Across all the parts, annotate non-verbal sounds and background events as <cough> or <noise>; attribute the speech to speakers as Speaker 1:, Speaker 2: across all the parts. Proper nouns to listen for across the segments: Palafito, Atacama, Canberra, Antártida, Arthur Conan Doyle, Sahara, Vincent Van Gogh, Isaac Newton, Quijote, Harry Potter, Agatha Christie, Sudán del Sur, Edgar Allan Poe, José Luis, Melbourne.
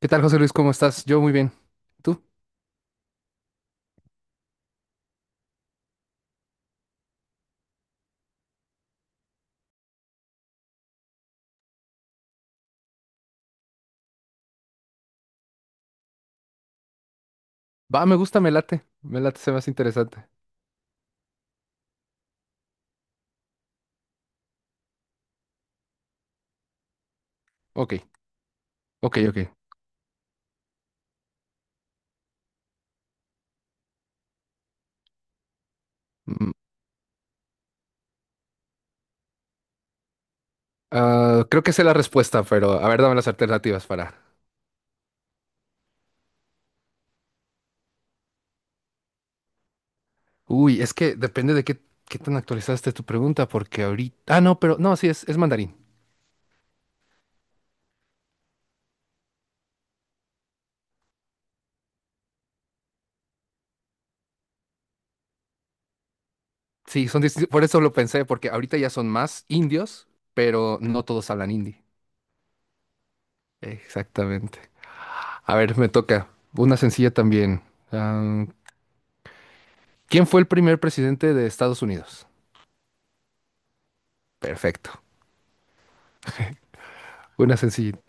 Speaker 1: ¿Qué tal, José Luis? ¿Cómo estás? Yo muy bien. ¿Tú? Va, me gusta, me late. Me late, se me hace interesante. Ok, ok, ok. Mm, Creo que sé la respuesta, pero a ver, dame las alternativas para... Uy, es que depende de qué tan actualizada esté tu pregunta, porque ahorita... Ah, no, pero no, sí, es mandarín. Sí, son distintos. Por eso lo pensé, porque ahorita ya son más indios, pero no todos hablan hindi. Exactamente. A ver, me toca. Una sencilla también. Am, ¿Quién fue el primer presidente de Estados Unidos? Perfecto. Una sencilla.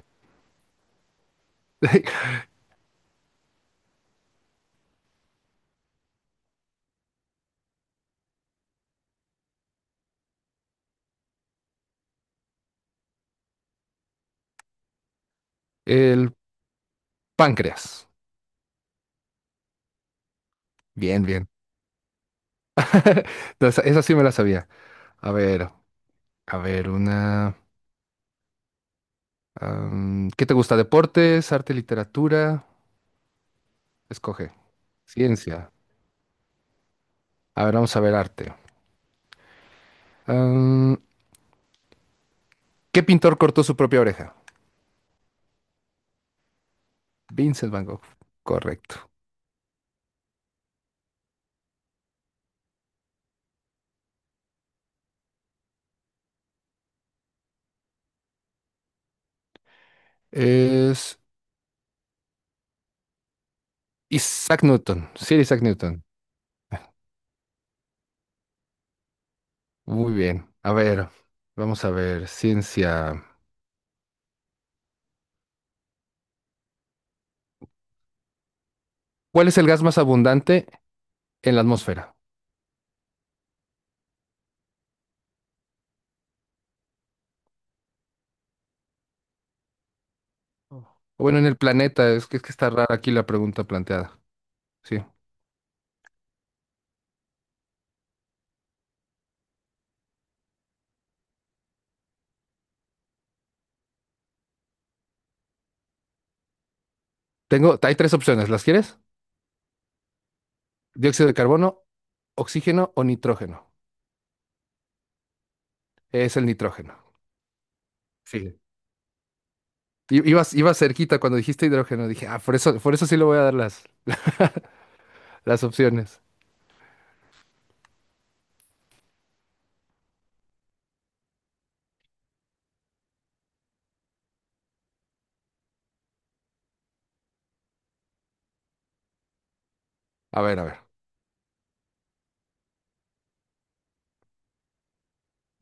Speaker 1: <laughs> El páncreas. Bien, bien. <laughs> No, esa sí me la sabía. A ver, una... ¿qué te gusta? ¿Deportes, arte, literatura? Escoge. Ciencia. A ver, vamos a ver arte. ¿Qué pintor cortó su propia oreja? Vincent Van Gogh. Correcto. Es Isaac Newton. Sir Isaac Newton. Muy bien. A ver, vamos a ver. Ciencia. ¿Cuál es el gas más abundante en la atmósfera? O bueno, en el planeta. Es que está rara aquí la pregunta planteada. Sí. Tengo, hay tres opciones. ¿Las quieres? Dióxido de carbono, oxígeno o nitrógeno. Es el nitrógeno. Sí. Ibas cerquita cuando dijiste hidrógeno. Dije, ah, por eso sí le voy a dar las opciones. A ver, a ver.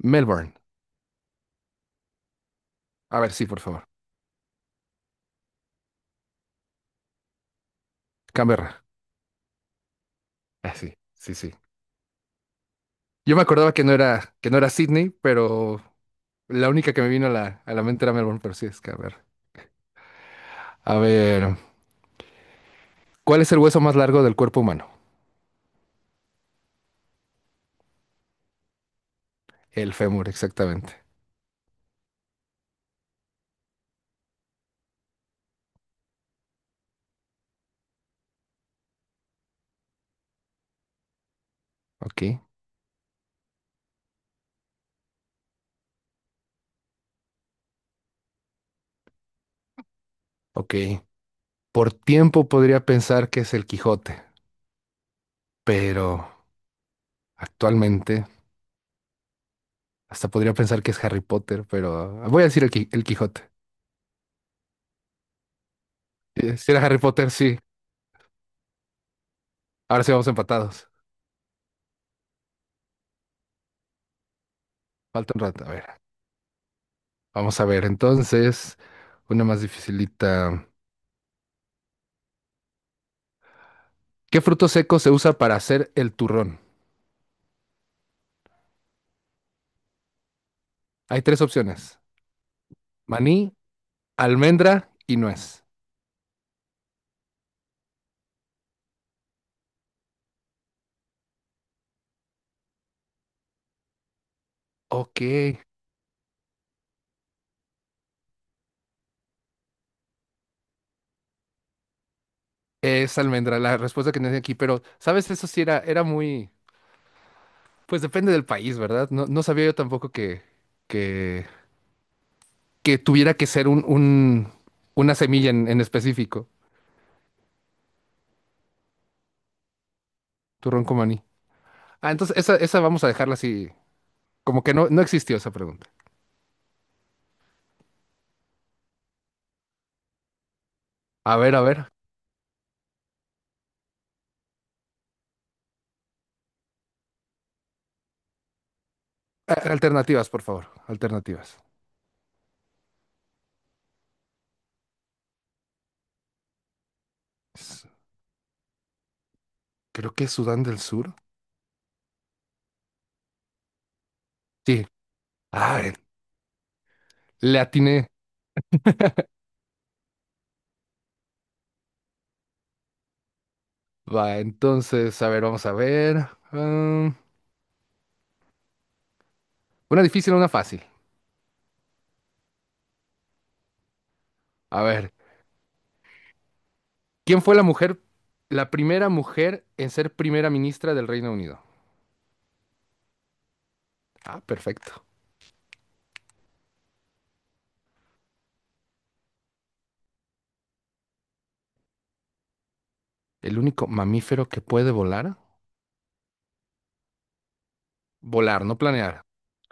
Speaker 1: Melbourne. A ver, sí, por favor. Canberra. Ah, sí, sí, sí. Yo me acordaba que no era Sydney, pero la única que me vino a la mente era Melbourne, pero sí es Canberra. A ver, ¿cuál es el hueso más largo del cuerpo humano? El fémur, exactamente. Ok, ok. Por tiempo podría pensar que es el Quijote, pero actualmente hasta podría pensar que es Harry Potter, pero voy a decir el Quijote. Si era Harry Potter, sí. Ahora sí vamos empatados. Falta un rato, a ver. Vamos a ver, entonces, una más dificilita. ¿Qué fruto seco se usa para hacer el turrón? Hay tres opciones: maní, almendra y nuez. Ok, es almendra la respuesta que tenía aquí, pero sabes, eso sí era muy, pues depende del país, ¿verdad? No, no sabía yo tampoco que, que tuviera que ser una semilla en específico, turrón con maní. Ah, entonces esa vamos a dejarla así, como que no, no existió esa pregunta. A ver, a ver. Alternativas, por favor. Alternativas. S- Creo que es Sudán del Sur. Sí. Ah, eh, Le atiné. Va, entonces, a ver, vamos a ver. Ah, una difícil, una fácil. A ver, ¿quién fue la mujer, ¿la primera mujer en ser primera ministra del Reino Unido? Ah, perfecto. ¿El único mamífero que puede volar? Volar, no planear.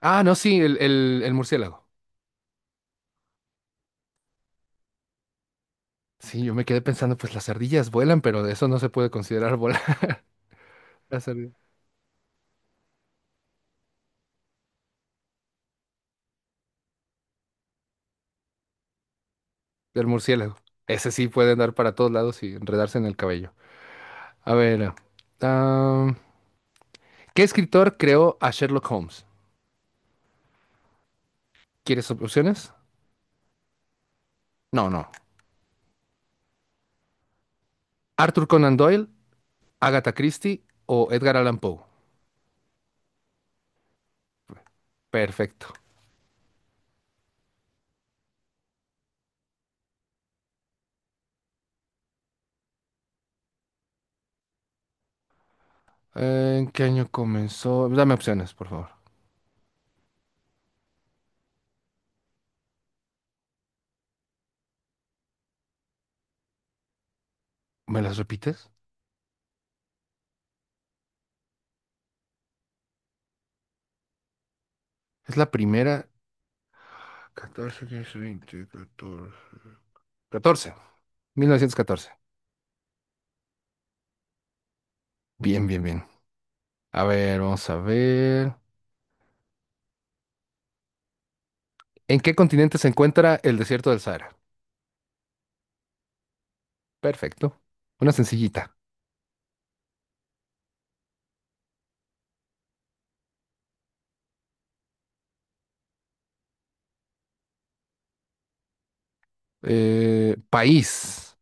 Speaker 1: Ah, no, sí, el, murciélago. Sí, yo me quedé pensando, pues las ardillas vuelan, pero eso no se puede considerar volar. <laughs> El murciélago. Ese sí puede andar para todos lados y enredarse en el cabello. A ver. ah, ¿Qué escritor creó a Sherlock Holmes? ¿Quieres opciones? No, no. Arthur Conan Doyle, Agatha Christie o Edgar Allan Poe. Perfecto. ¿En qué año comenzó? Dame opciones, por favor. ¿Me las repites? Es la primera. ¿Catorce quince veinte 15, 14. Mil novecientos catorce. Bien, bien, bien. A ver, vamos a ver. ¿En qué continente se encuentra el desierto del Sahara? Perfecto. Una sencillita. País,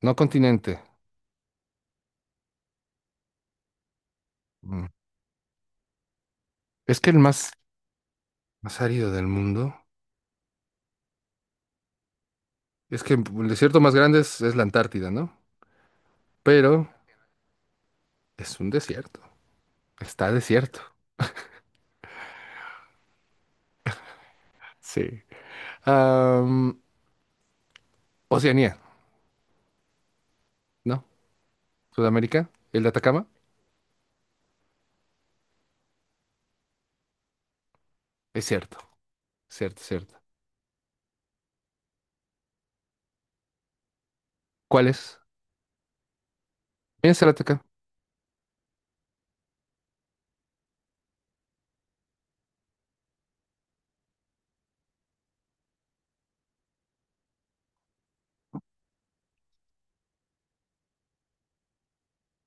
Speaker 1: no continente. Mm. Es que el más árido del mundo. Es que el desierto más grande es la Antártida, ¿no? Pero es un desierto. Está desierto. Sí. Am, Oceanía, ¿no? Sudamérica, el de Atacama. Es cierto, cierto, cierto. ¿Cuál es? Piensa el Atacama.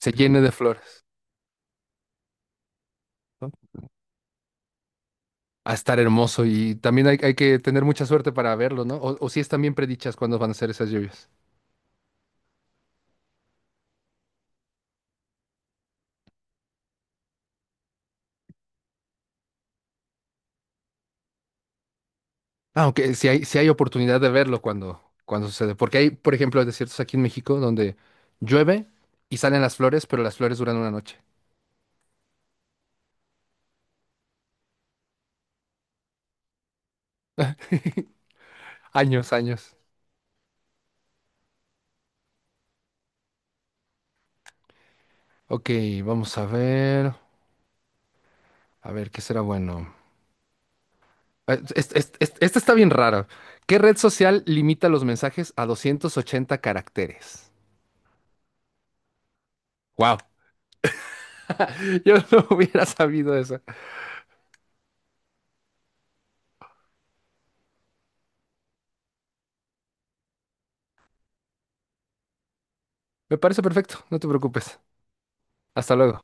Speaker 1: Se llene de flores. ¿No? A estar hermoso y también hay que tener mucha suerte para verlo, ¿no? O si están bien predichas cuándo van a ser esas lluvias. Aunque sí hay oportunidad de verlo cuando, cuando sucede. Porque hay, por ejemplo, desiertos aquí en México donde llueve y salen las flores, pero las flores duran una noche. Años, años. Ok, vamos a ver. A ver, ¿qué será bueno? Esta está bien rara. ¿Qué red social limita los mensajes a 280 caracteres? Wow, <laughs> yo no hubiera sabido eso. Me parece perfecto, no te preocupes. Hasta luego.